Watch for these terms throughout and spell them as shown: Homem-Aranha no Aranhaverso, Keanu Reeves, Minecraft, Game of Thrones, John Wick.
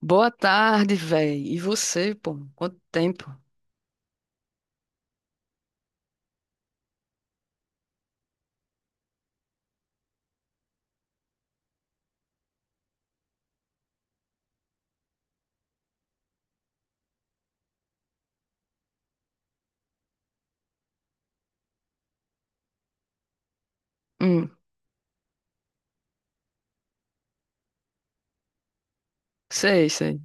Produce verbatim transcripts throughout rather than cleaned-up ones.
Boa tarde, véi. E você, pô? Quanto tempo? Hum, sei, sei.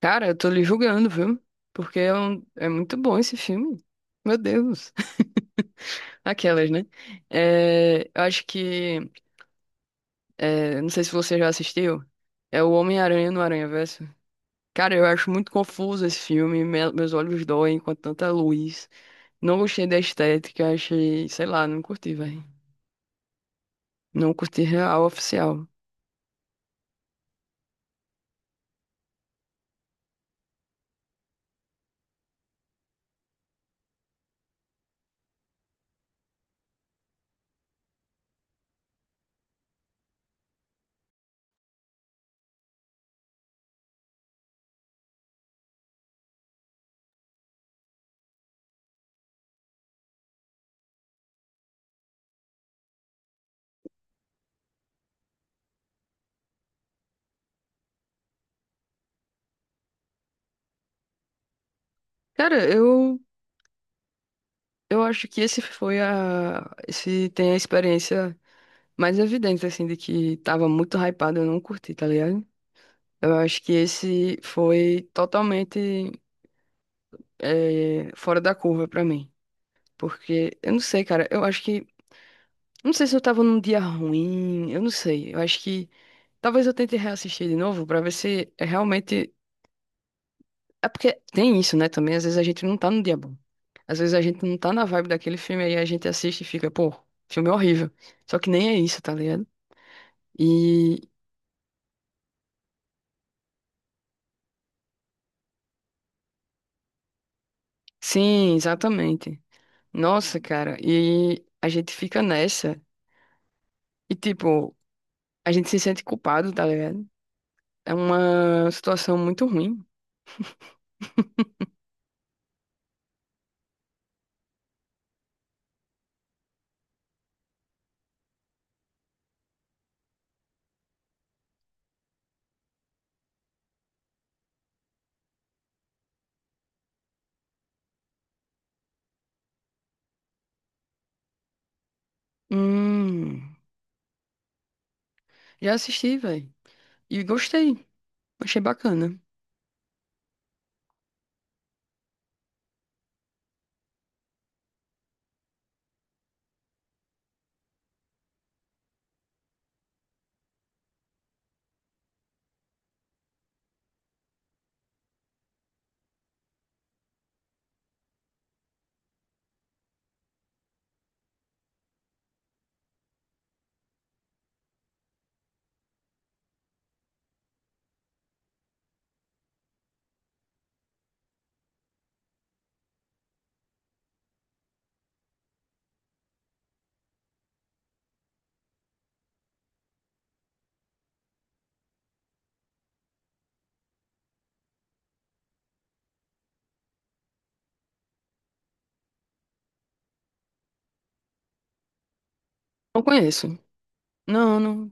Cara, eu tô lhe julgando, viu? Porque é, um- é muito bom esse filme. Meu Deus. Aquelas, né? É, eu acho que. É, não sei se você já assistiu. É o Homem-Aranha no Aranhaverso. Cara, eu acho muito confuso esse filme. Me- meus olhos doem com tanta luz. Não gostei da estética. Achei. Sei lá, não curti, velho. Não curti real, oficial. Cara, eu. Eu acho que esse foi a. Esse tem a experiência mais evidente, assim, de que tava muito hypado, eu não curti, tá ligado? Eu acho que esse foi totalmente eh, fora da curva pra mim. Porque, eu não sei, cara, eu acho que. não sei se eu tava num dia ruim, eu não sei. Eu acho que. Talvez eu tente reassistir de novo pra ver se é realmente. É porque tem isso, né? Também, às vezes a gente não tá no dia bom. Às vezes a gente não tá na vibe daquele filme, aí a gente assiste e fica, pô, filme horrível. Só que nem é isso, tá ligado? E sim, exatamente. Nossa, cara, e a gente fica nessa e tipo, a gente se sente culpado, tá ligado? É uma situação muito ruim. Hum, já assisti, velho. E gostei. Achei bacana. Não conheço. Não, não.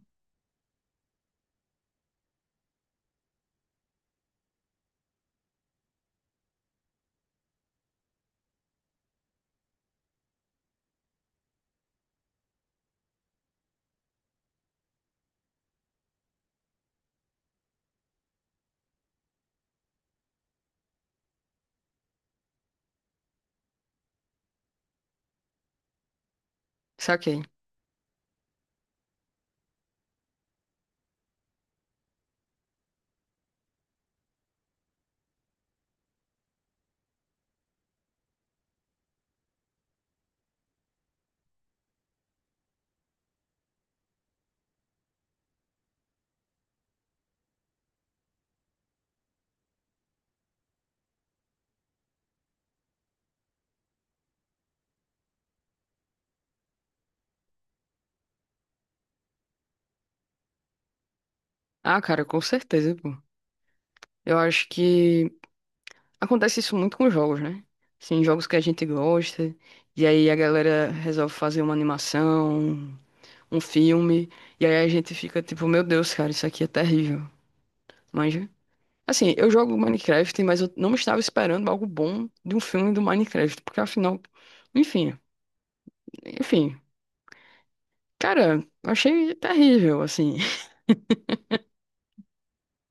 Saquei. Ah, cara, com certeza, pô. Eu acho que Acontece isso muito com jogos, né? Sim, jogos que a gente gosta, e aí a galera resolve fazer uma animação, um filme, e aí a gente fica tipo, meu Deus, cara, isso aqui é terrível. Manja? Assim, eu jogo Minecraft, mas eu não estava esperando algo bom de um filme do Minecraft, porque afinal, enfim, enfim, cara, eu achei terrível, assim.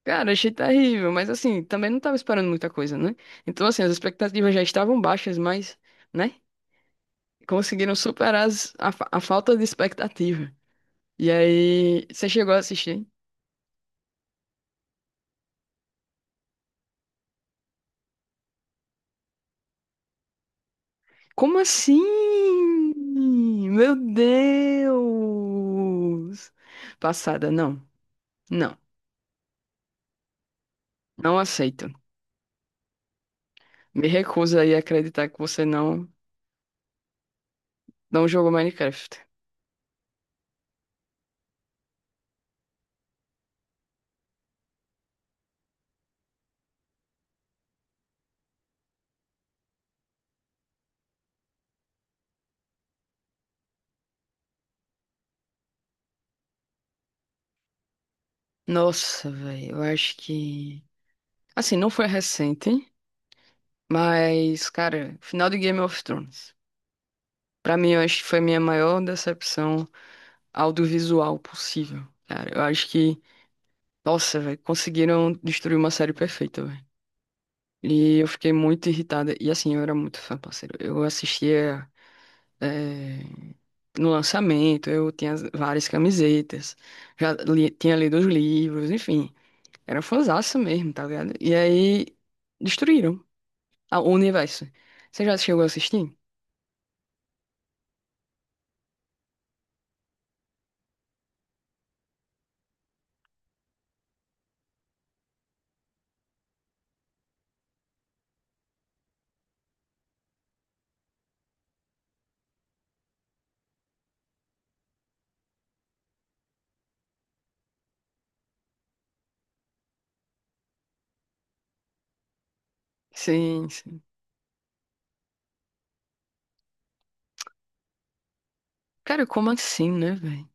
Cara, achei terrível, mas assim, também não estava esperando muita coisa, né? Então, assim, as expectativas já estavam baixas, mas, né, conseguiram superar as- a, fa- a falta de expectativa. E aí, você chegou a assistir? Como assim? Meu Deus! Passada, não. Não, não aceito. Me recuso aí a acreditar que você não, não jogou Minecraft. Nossa, velho, eu acho que. assim, não foi recente, mas, cara, final de Game of Thrones. Pra mim, eu acho que foi a minha maior decepção audiovisual possível, cara. Eu acho que Nossa, velho, conseguiram destruir uma série perfeita, velho. E eu fiquei muito irritada. E assim, eu era muito fã, parceiro. Eu assistia eh, no lançamento, eu tinha várias camisetas, já li- tinha lido os livros, enfim. Era fãzaça mesmo, tá ligado? E aí destruíram a- o universo. Você já chegou a assistir? Sim, sim. Cara, como assim, né, velho?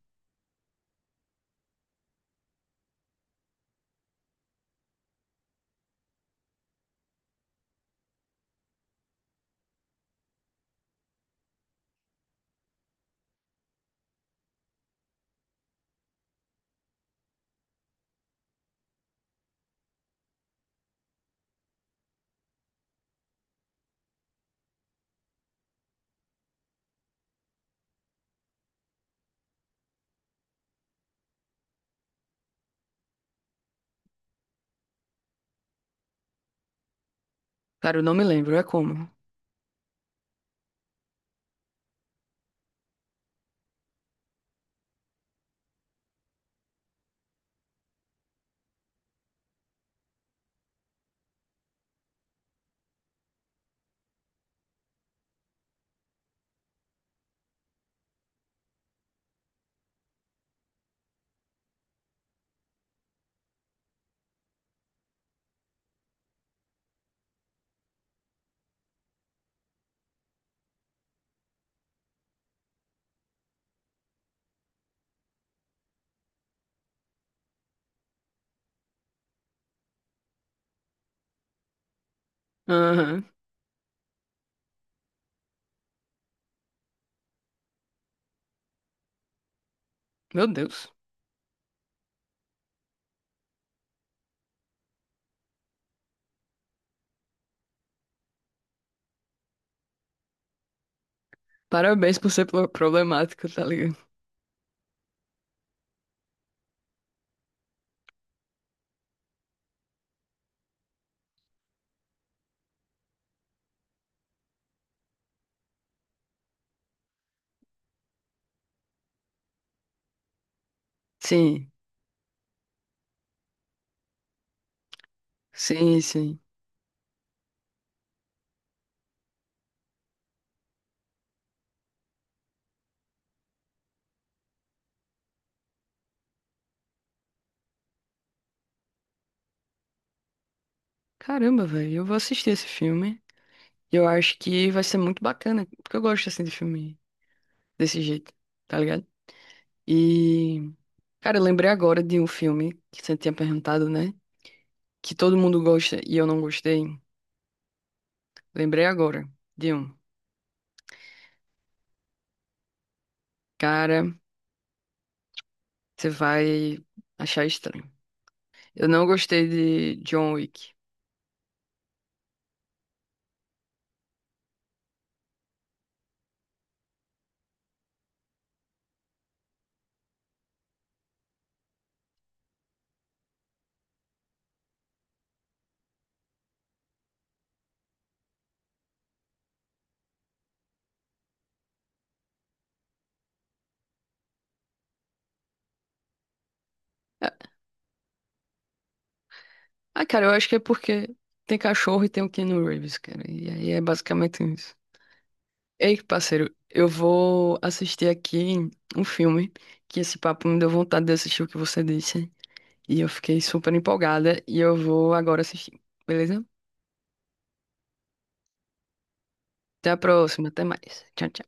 Cara, eu não me lembro, é como. Aham. Meu Deus. Parabéns por ser pro- problemático, tá ligado? Sim. Sim, sim. Caramba, velho, eu vou assistir esse filme. E eu acho que vai ser muito bacana, porque eu gosto assim de filme desse jeito, tá ligado? E, cara, eu lembrei agora de um filme que você tinha perguntado, né? Que todo mundo gosta e eu não gostei. Lembrei agora de um. Cara, você vai achar estranho. Eu não gostei de John Wick. Ah, ah, cara, eu acho que é porque tem cachorro e tem o Keanu Reeves, cara. E aí é basicamente isso. Ei, parceiro, eu vou assistir aqui um filme, que esse papo me deu vontade de assistir o que você disse. E eu fiquei super empolgada e eu vou agora assistir, beleza? Até a próxima, até mais. Tchau, tchau.